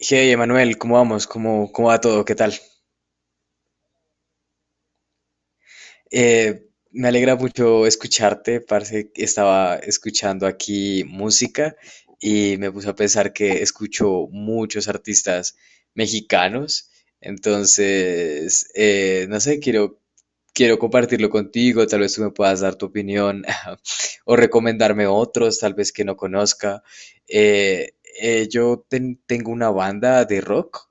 Hey, Emanuel, ¿cómo vamos? ¿Cómo va todo? ¿Qué tal? Me alegra mucho escucharte, parce. Estaba escuchando aquí música y me puse a pensar que escucho muchos artistas mexicanos. Entonces, no sé, quiero compartirlo contigo. Tal vez tú me puedas dar tu opinión o recomendarme otros, tal vez que no conozca. Eh, Tengo una banda de rock.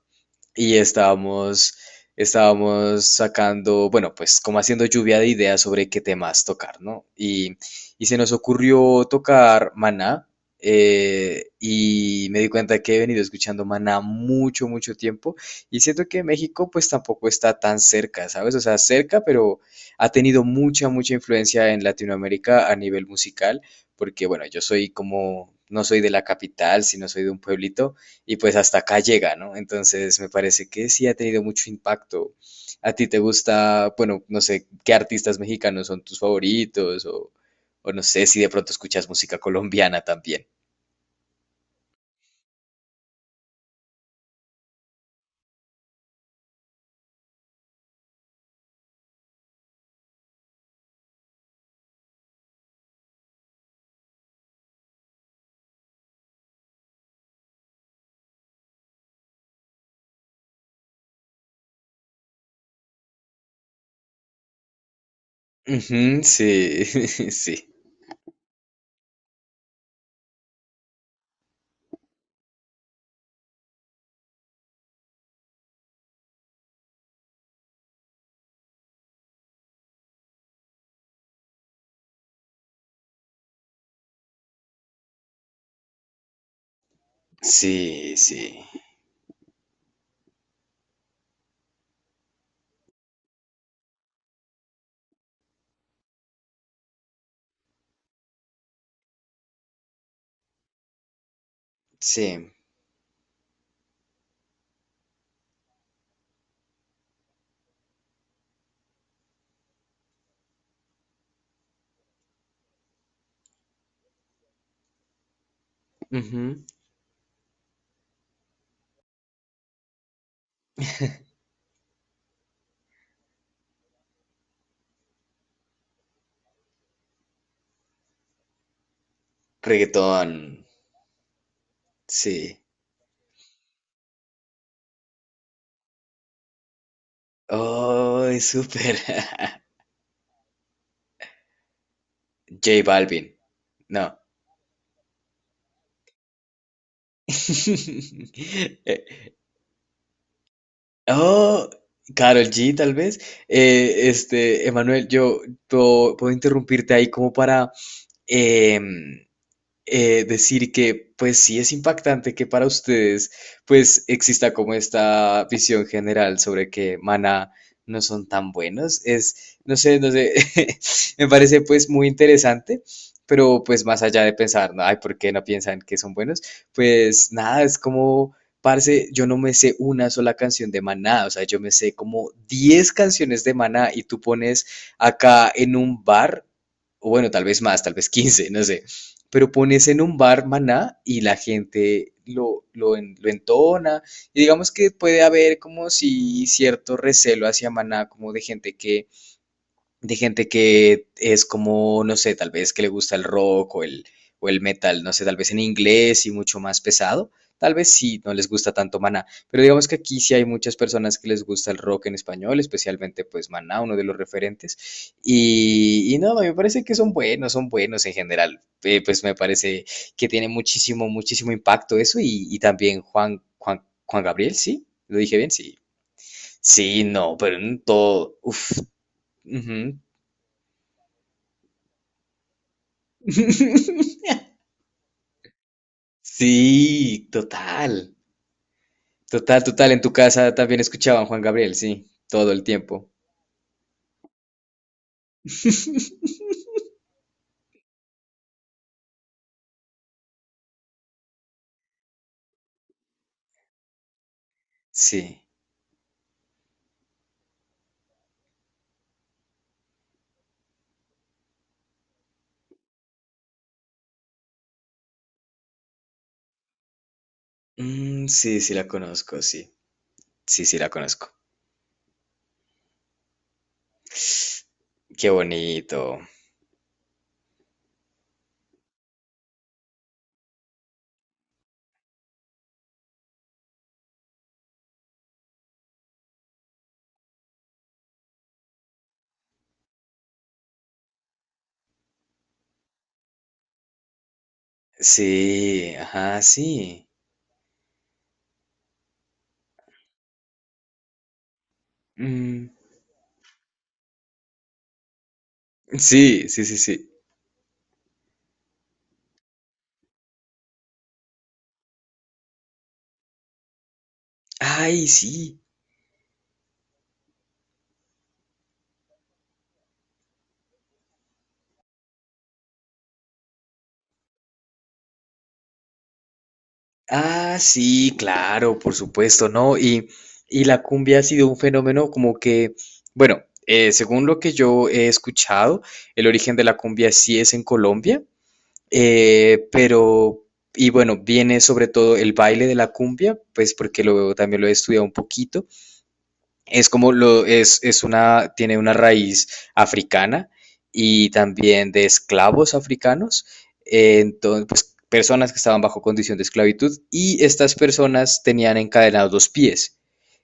Y estábamos sacando, bueno, pues como haciendo lluvia de ideas sobre qué temas tocar, ¿no? Y se nos ocurrió tocar Maná, y me di cuenta que he venido escuchando Maná mucho tiempo, y siento que México pues tampoco está tan cerca, ¿sabes? O sea, cerca, pero ha tenido mucha influencia en Latinoamérica a nivel musical, porque bueno, yo soy como, no soy de la capital, sino soy de un pueblito, y pues hasta acá llega, ¿no? Entonces me parece que sí ha tenido mucho impacto. ¿A ti te gusta, bueno, no sé, qué artistas mexicanos son tus favoritos o no sé si de pronto escuchas música colombiana también? Ujú, sí, sí, sí, sí, sí. Ujú. Reggaetón, sí. Oh, es súper. J Balvin, no. Oh, Karol G, tal vez. Emanuel, yo puedo interrumpirte ahí como para, em, decir que, pues sí es impactante que para ustedes, pues exista como esta visión general sobre que Maná no son tan buenos. Es, no sé, me parece pues muy interesante, pero pues más allá de pensar, ¿no? Ay, ¿por qué no piensan que son buenos? Pues nada, es como, parce, yo no me sé una sola canción de Maná, o sea, yo me sé como 10 canciones de Maná y tú pones acá en un bar, o bueno, tal vez más, tal vez 15, no sé, pero pones en un bar Maná y la gente lo entona. Y digamos que puede haber como si cierto recelo hacia Maná, como de gente que es como, no sé, tal vez que le gusta el rock o el metal, no sé, tal vez en inglés y mucho más pesado. Tal vez sí, no les gusta tanto Maná, pero digamos que aquí sí hay muchas personas que les gusta el rock en español, especialmente pues Maná, uno de los referentes. Y no, me parece que son buenos en general. Pues me parece que tiene muchísimo impacto eso y también Juan Gabriel, ¿sí? ¿Lo dije bien? Sí. Sí, no, pero en todo. Uf. Ujú. Sí, total, total, total. En tu casa también escuchaban Juan Gabriel, sí, todo el tiempo. Sí, mm, sí, sí la conozco, sí, sí, sí la conozco. Qué bonito. Sí, ajá, sí. Mm, sí, sí, sí, sí. Ay, sí. Ah, sí, claro, por supuesto, ¿no? Y la cumbia ha sido un fenómeno como que, bueno, según lo que yo he escuchado, el origen de la cumbia sí es en Colombia. Eh, pero, y bueno, viene sobre todo el baile de la cumbia, pues porque lo, también lo he estudiado un poquito. Es como lo, es una, tiene una raíz africana y también de esclavos africanos. Entonces, pues personas que estaban bajo condición de esclavitud y estas personas tenían encadenados los pies.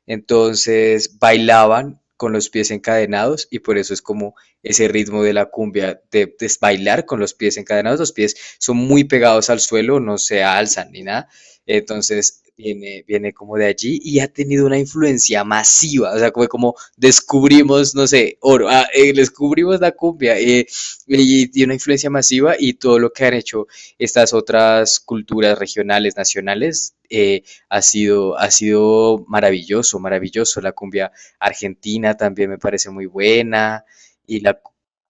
Entonces bailaban con los pies encadenados y por eso es como ese ritmo de la cumbia de bailar con los pies encadenados. Los pies son muy pegados al suelo, no se alzan ni nada. Entonces, viene como de allí y ha tenido una influencia masiva, o sea, como, como descubrimos, no sé, oro, descubrimos la cumbia, y una influencia masiva y todo lo que han hecho estas otras culturas regionales, nacionales, ha sido maravilloso, maravilloso. La cumbia argentina también me parece muy buena y la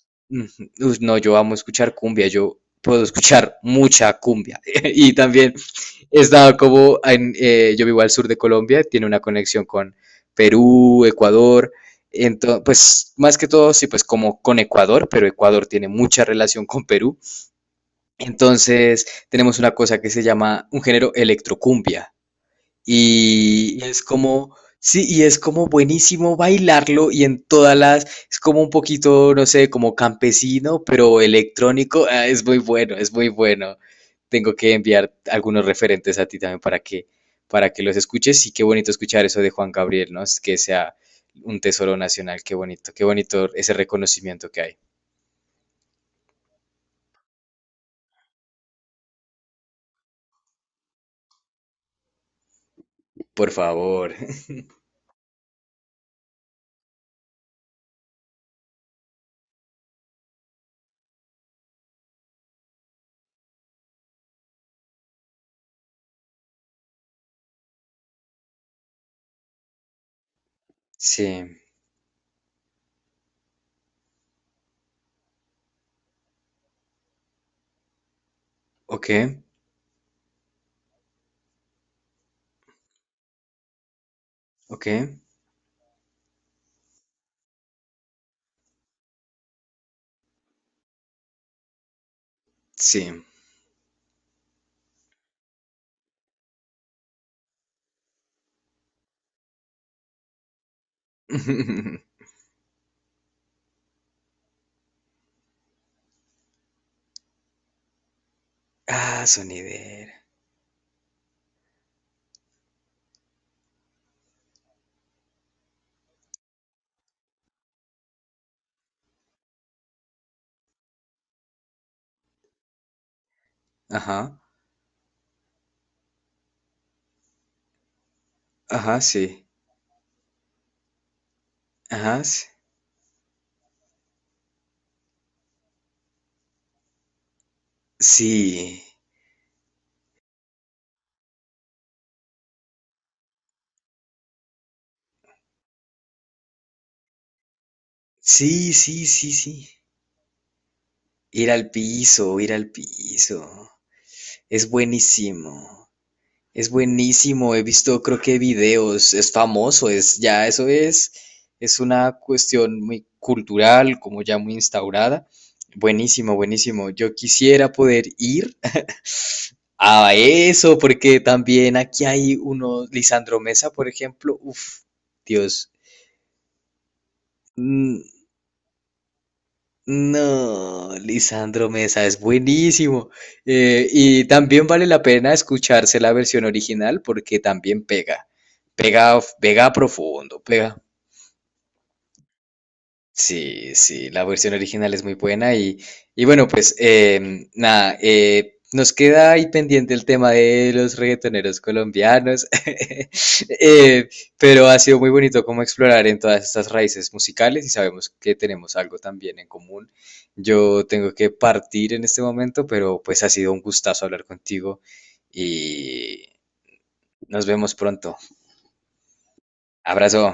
ujú. Uy, no, yo amo escuchar cumbia, yo puedo escuchar mucha cumbia. Y también he estado como en, yo vivo al sur de Colombia, tiene una conexión con Perú, Ecuador. Entonces, pues más que todo, sí, pues como con Ecuador, pero Ecuador tiene mucha relación con Perú. Entonces, tenemos una cosa que se llama un género electrocumbia. Y es como, sí, y es como buenísimo bailarlo y en todas las, es como un poquito, no sé, como campesino, pero electrónico. Ah, es muy bueno, es muy bueno. Tengo que enviar algunos referentes a ti también para que los escuches. Y qué bonito escuchar eso de Juan Gabriel, ¿no? Es que sea un tesoro nacional, qué bonito ese reconocimiento que hay. Por favor. Sí. Ok, ok. Sí. Ah, sonidera. Ajá. Ajá, sí. Ajá, sí. Sí. Sí, sí, sí, sí. Ir al piso, ir al piso. Es buenísimo. Es buenísimo. He visto, creo que videos. Es famoso. Es ya, eso es. Es una cuestión muy cultural, como ya muy instaurada. Buenísimo, buenísimo. Yo quisiera poder ir a eso, porque también aquí hay uno, Lisandro Mesa, por ejemplo. Uf, Dios. Mm, no, Lisandro Mesa es buenísimo. Y también vale la pena escucharse la versión original porque también pega, pega, pega profundo, pega. Sí, sí, la versión original es muy buena y bueno, pues nada, nos queda ahí pendiente el tema de los reggaetoneros colombianos, Eh, pero ha sido muy bonito como explorar en todas estas raíces musicales y sabemos que tenemos algo también en común. Yo tengo que partir en este momento, pero pues ha sido un gustazo hablar contigo y nos vemos pronto. Abrazo.